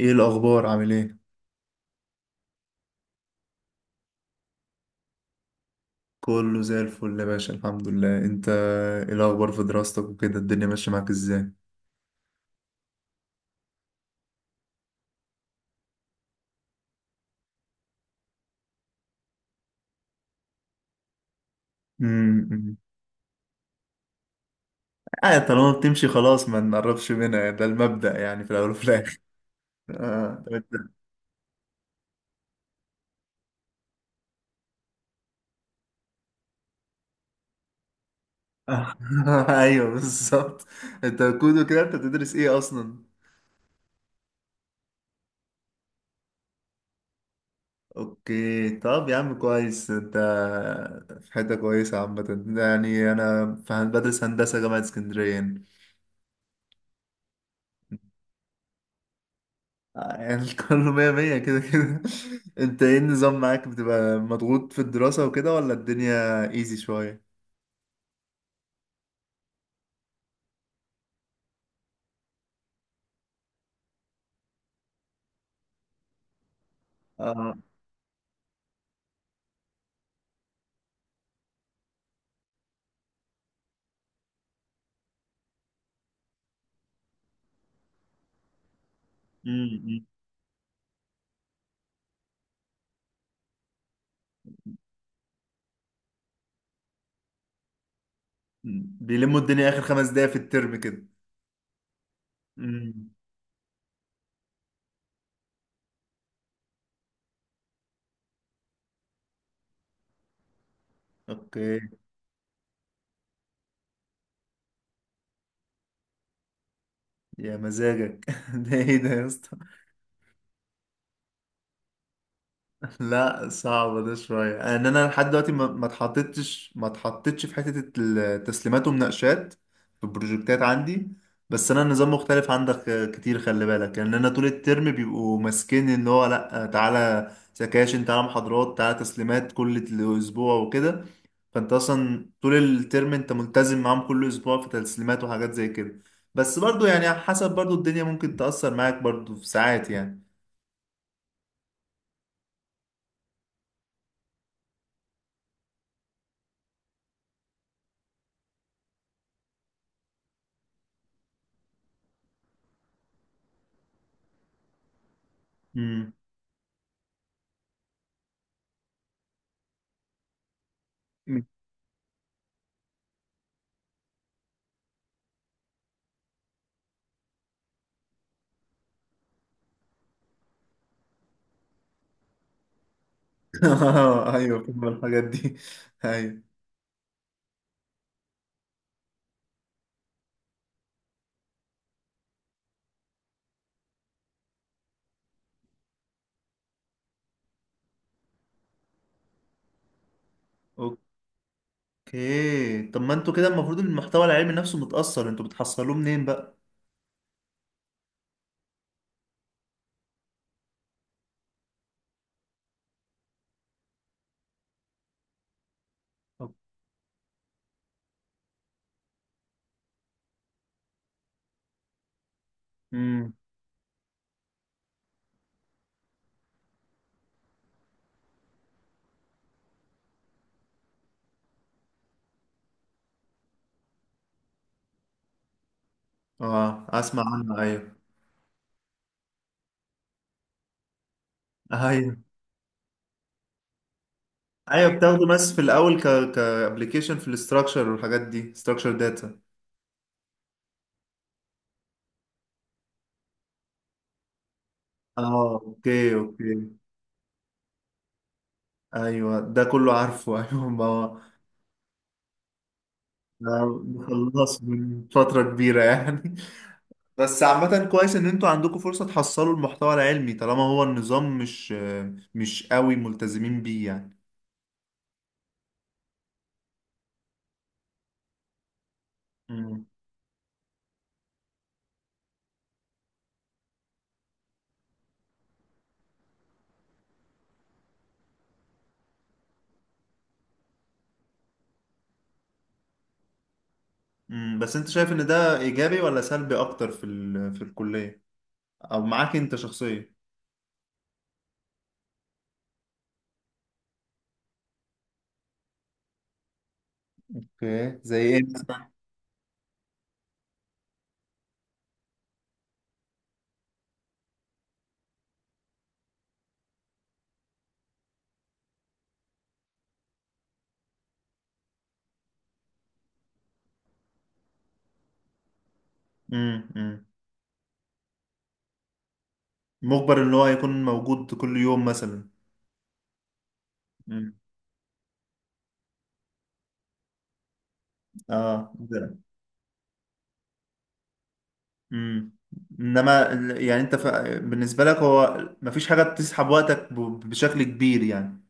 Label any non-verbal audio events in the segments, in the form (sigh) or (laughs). ايه الاخبار، عامل ايه؟ كله زي الفل يا باشا، الحمد لله. انت ايه الاخبار في دراستك وكده؟ الدنيا ماشيه معاك ازاي؟ امم. اه، طالما بتمشي خلاص ما نقربش منها، ده المبدأ يعني في الاول وفي الاخر. آه. طب (laughs) ايوه بالظبط. انت كودو كده، انت بتدرس ايه اصلا؟ اوكي، طب يا عم كويس. انت في حته كويسه عامه يعني. انا بدرس هندسه جامعه اسكندريه. آه، يعني (laughs) كله مية مية كده كده. انت ايه النظام معاك؟ بتبقى مضغوط في الدراسة وكده ولا الدنيا ايزي شوية؟ اه. امم. أمم. بيلموا الدنيا اخر خمس دقايق في الترم كده. امم. اوكي. يا مزاجك، (laughs) ده ايه ده يا اسطى؟ لا، صعب ده شوية. ان انا لحد دلوقتي ما اتحطتش ما اتحطتش في حتة التسليمات ومناقشات في البروجكتات عندي. بس انا النظام مختلف عندك كتير، خلي بالك. يعني انا طول الترم بيبقوا ماسكين ان هو لا، تعالى سكاشن، تعالى محاضرات، تعالى تسليمات كل اسبوع وكده. فانت اصلا طول الترم انت ملتزم معاهم كل اسبوع في تسليمات وحاجات زي كده. بس برضو، يعني حسب برضو، الدنيا ممكن تأثر معاك برضو في ساعات يعني. امم. (laughs) آه، ايوه فاهم الحاجات دي. ايوه. اوكي، طب ما انتوا كده المفروض إن المحتوى العلمي نفسه متأثر، انتوا بتحصلوه منين بقى؟ امم. اه، اسمع عنه، ايوه. ايوه. ايوه بتاخده، بس في الاول ك كابلكيشن في الاستراكشر والحاجات دي، استراكشر داتا. اه اوكي اوكي. ايوه ده كله عارفه، (laughs) ايوه ما. ما خلص من فترة كبيرة يعني. بس عامة كويس ان انتوا عندكم فرصة تحصلوا المحتوى العلمي طالما هو النظام مش قوي ملتزمين بيه يعني. مم. مم. بس انت شايف ان ده ايجابي ولا سلبي اكتر في الكلية، او معاك انت شخصيا؟ اوكي، زي ايه مثلا؟ مم. مم. مجبر ان هو يكون موجود كل يوم مثلا. مم. اه ده. مم. انما يعني بالنسبة لك، هو مفيش حاجة بتسحب وقتك بشكل كبير يعني.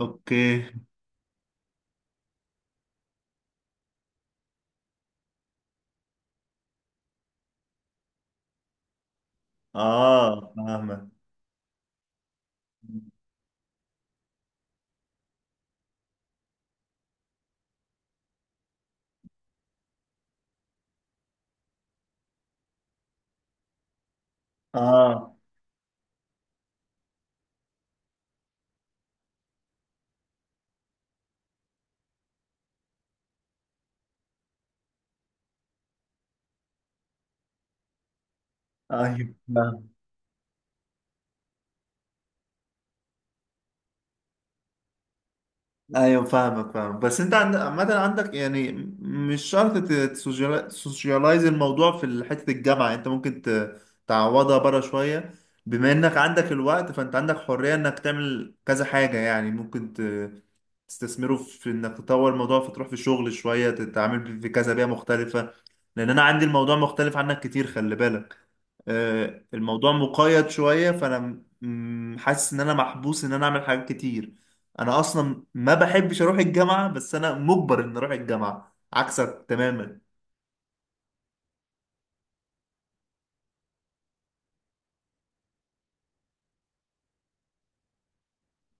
اوكي. اه فاهمك. اه ايوه فاهم. ايوه فاهمك، فاهم. بس انت عامة عندك يعني، مش شرط تسوشيالايز الموضوع في حتة الجامعة. انت ممكن تعوضها بره شوية. بما انك عندك الوقت، فانت عندك حرية انك تعمل كذا حاجة. يعني ممكن تستثمره في انك تطور الموضوع، فتروح في شغل شوية، تتعامل في كذا بيئة مختلفة. لان انا عندي الموضوع مختلف عنك كتير، خلي بالك. آه، الموضوع مقيد شوية، فأنا حاسس إن أنا محبوس، إن أنا أعمل حاجات كتير. أنا أصلا ما بحبش أروح الجامعة، بس أنا مجبر إن أروح الجامعة، عكسك تماما.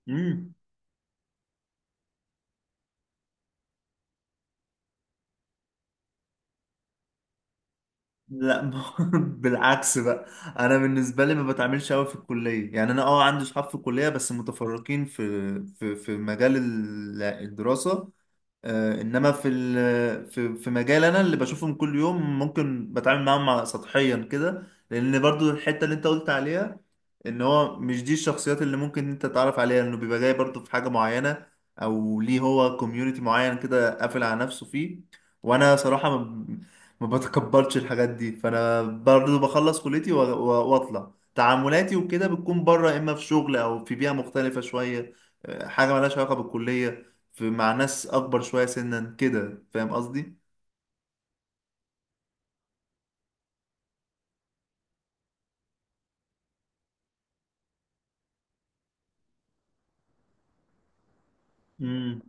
امم. لا، (laughs) بالعكس بقى. أنا بالنسبة لي ما بتعاملش أوي في الكلية يعني. أنا أه عندي صحاب في الكلية، بس متفرقين في مجال الدراسة. آه، انما في مجال انا، اللي بشوفهم كل يوم، ممكن بتعامل معاهم سطحيا كده. لان برضو الحته اللي انت قلت عليها، ان هو مش دي الشخصيات اللي ممكن انت تتعرف عليها، لانه بيبقى جاي برضو في حاجه معينه، او ليه هو كوميونتي معين كده قافل على نفسه فيه. وانا صراحه ما بتقبلش الحاجات دي. فانا برضو بخلص كليتي و واطلع تعاملاتي، وكده بتكون بره، اما في شغل او في بيئه مختلفه شويه. آه، حاجه ملهاش علاقه بالكليه، في مع ناس اكبر شويه سنا كده، فاهم قصدي؟ امم.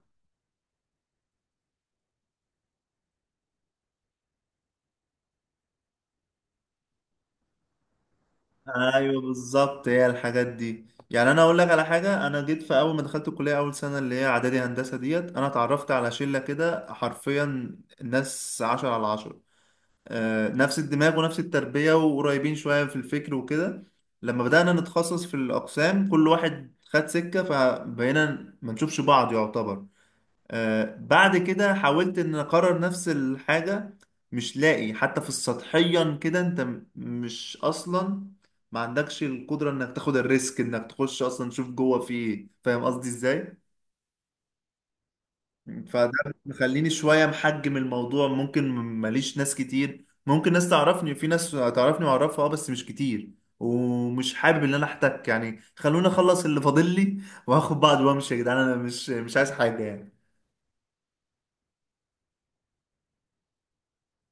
ايوه بالظبط، هي الحاجات دي. يعني انا اقول لك على حاجه: انا جيت في اول ما دخلت الكليه، اول سنه اللي هي اعدادي هندسه، ديت انا اتعرفت على شله كده حرفيا، ناس عشرة على عشرة. آه، نفس الدماغ ونفس التربيه، وقريبين شويه في الفكر وكده. لما بدانا نتخصص في الاقسام، كل واحد خد سكه، فبقينا ما نشوفش بعض يعتبر. آه، بعد كده حاولت ان اكرر نفس الحاجة، مش لاقي حتى في السطحيا كده. انت مش اصلا، ما عندكش القدرة انك تاخد الريسك انك تخش اصلا تشوف جوه في ايه، فاهم قصدي ازاي؟ فده مخليني شوية محجم الموضوع، ممكن ماليش ناس كتير، ممكن ناس تعرفني، في ناس تعرفني واعرفها اه، بس مش كتير. ومش حابب ان انا احتك يعني. خلوني اخلص اللي فاضل لي، واخد بعض وامشي يا جدعان، انا مش عايز حاجة يعني.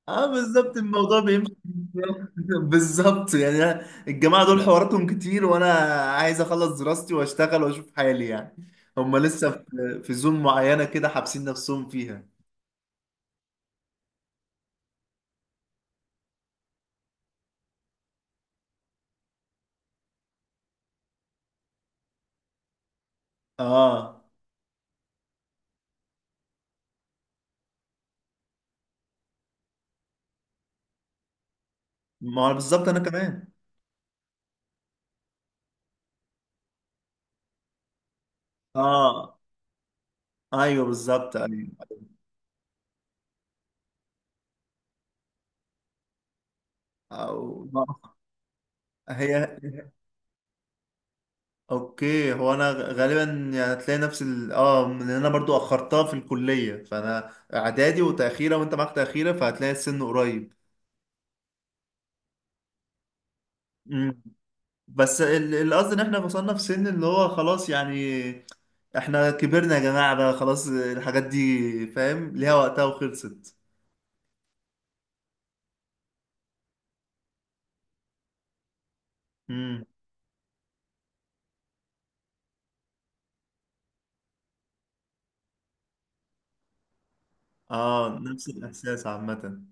اه بالظبط، الموضوع بيمشي. (laughs) بالظبط يعني الجماعه دول حواراتهم كتير، وانا عايز اخلص دراستي واشتغل واشوف حالي يعني. هم لسه في زون معينه كده، حابسين نفسهم فيها. اه ما هو بالظبط، انا كمان. اه ايوه بالظبط ايوه. أو... هي. اوكي، هو انا غالبا يعني هتلاقي نفس اه، لان انا برضو اخرتها في الكليه، فانا اعدادي وتاخيره، وانت معاك تاخيره، فهتلاقي السن قريب. بس القصد ان احنا وصلنا في سن اللي هو خلاص يعني، احنا كبرنا يا جماعة بقى، خلاص الحاجات دي فاهم ليها وقتها وخلصت. امم. اه نفس الاحساس عامة.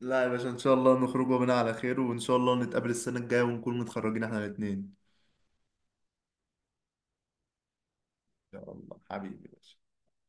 لا يا باشا، ان شاء الله نخرج منها على خير، وان شاء الله نتقابل السنة الجاية ونكون متخرجين احنا الاتنين. إن شاء الله حبيبي، يا باشا.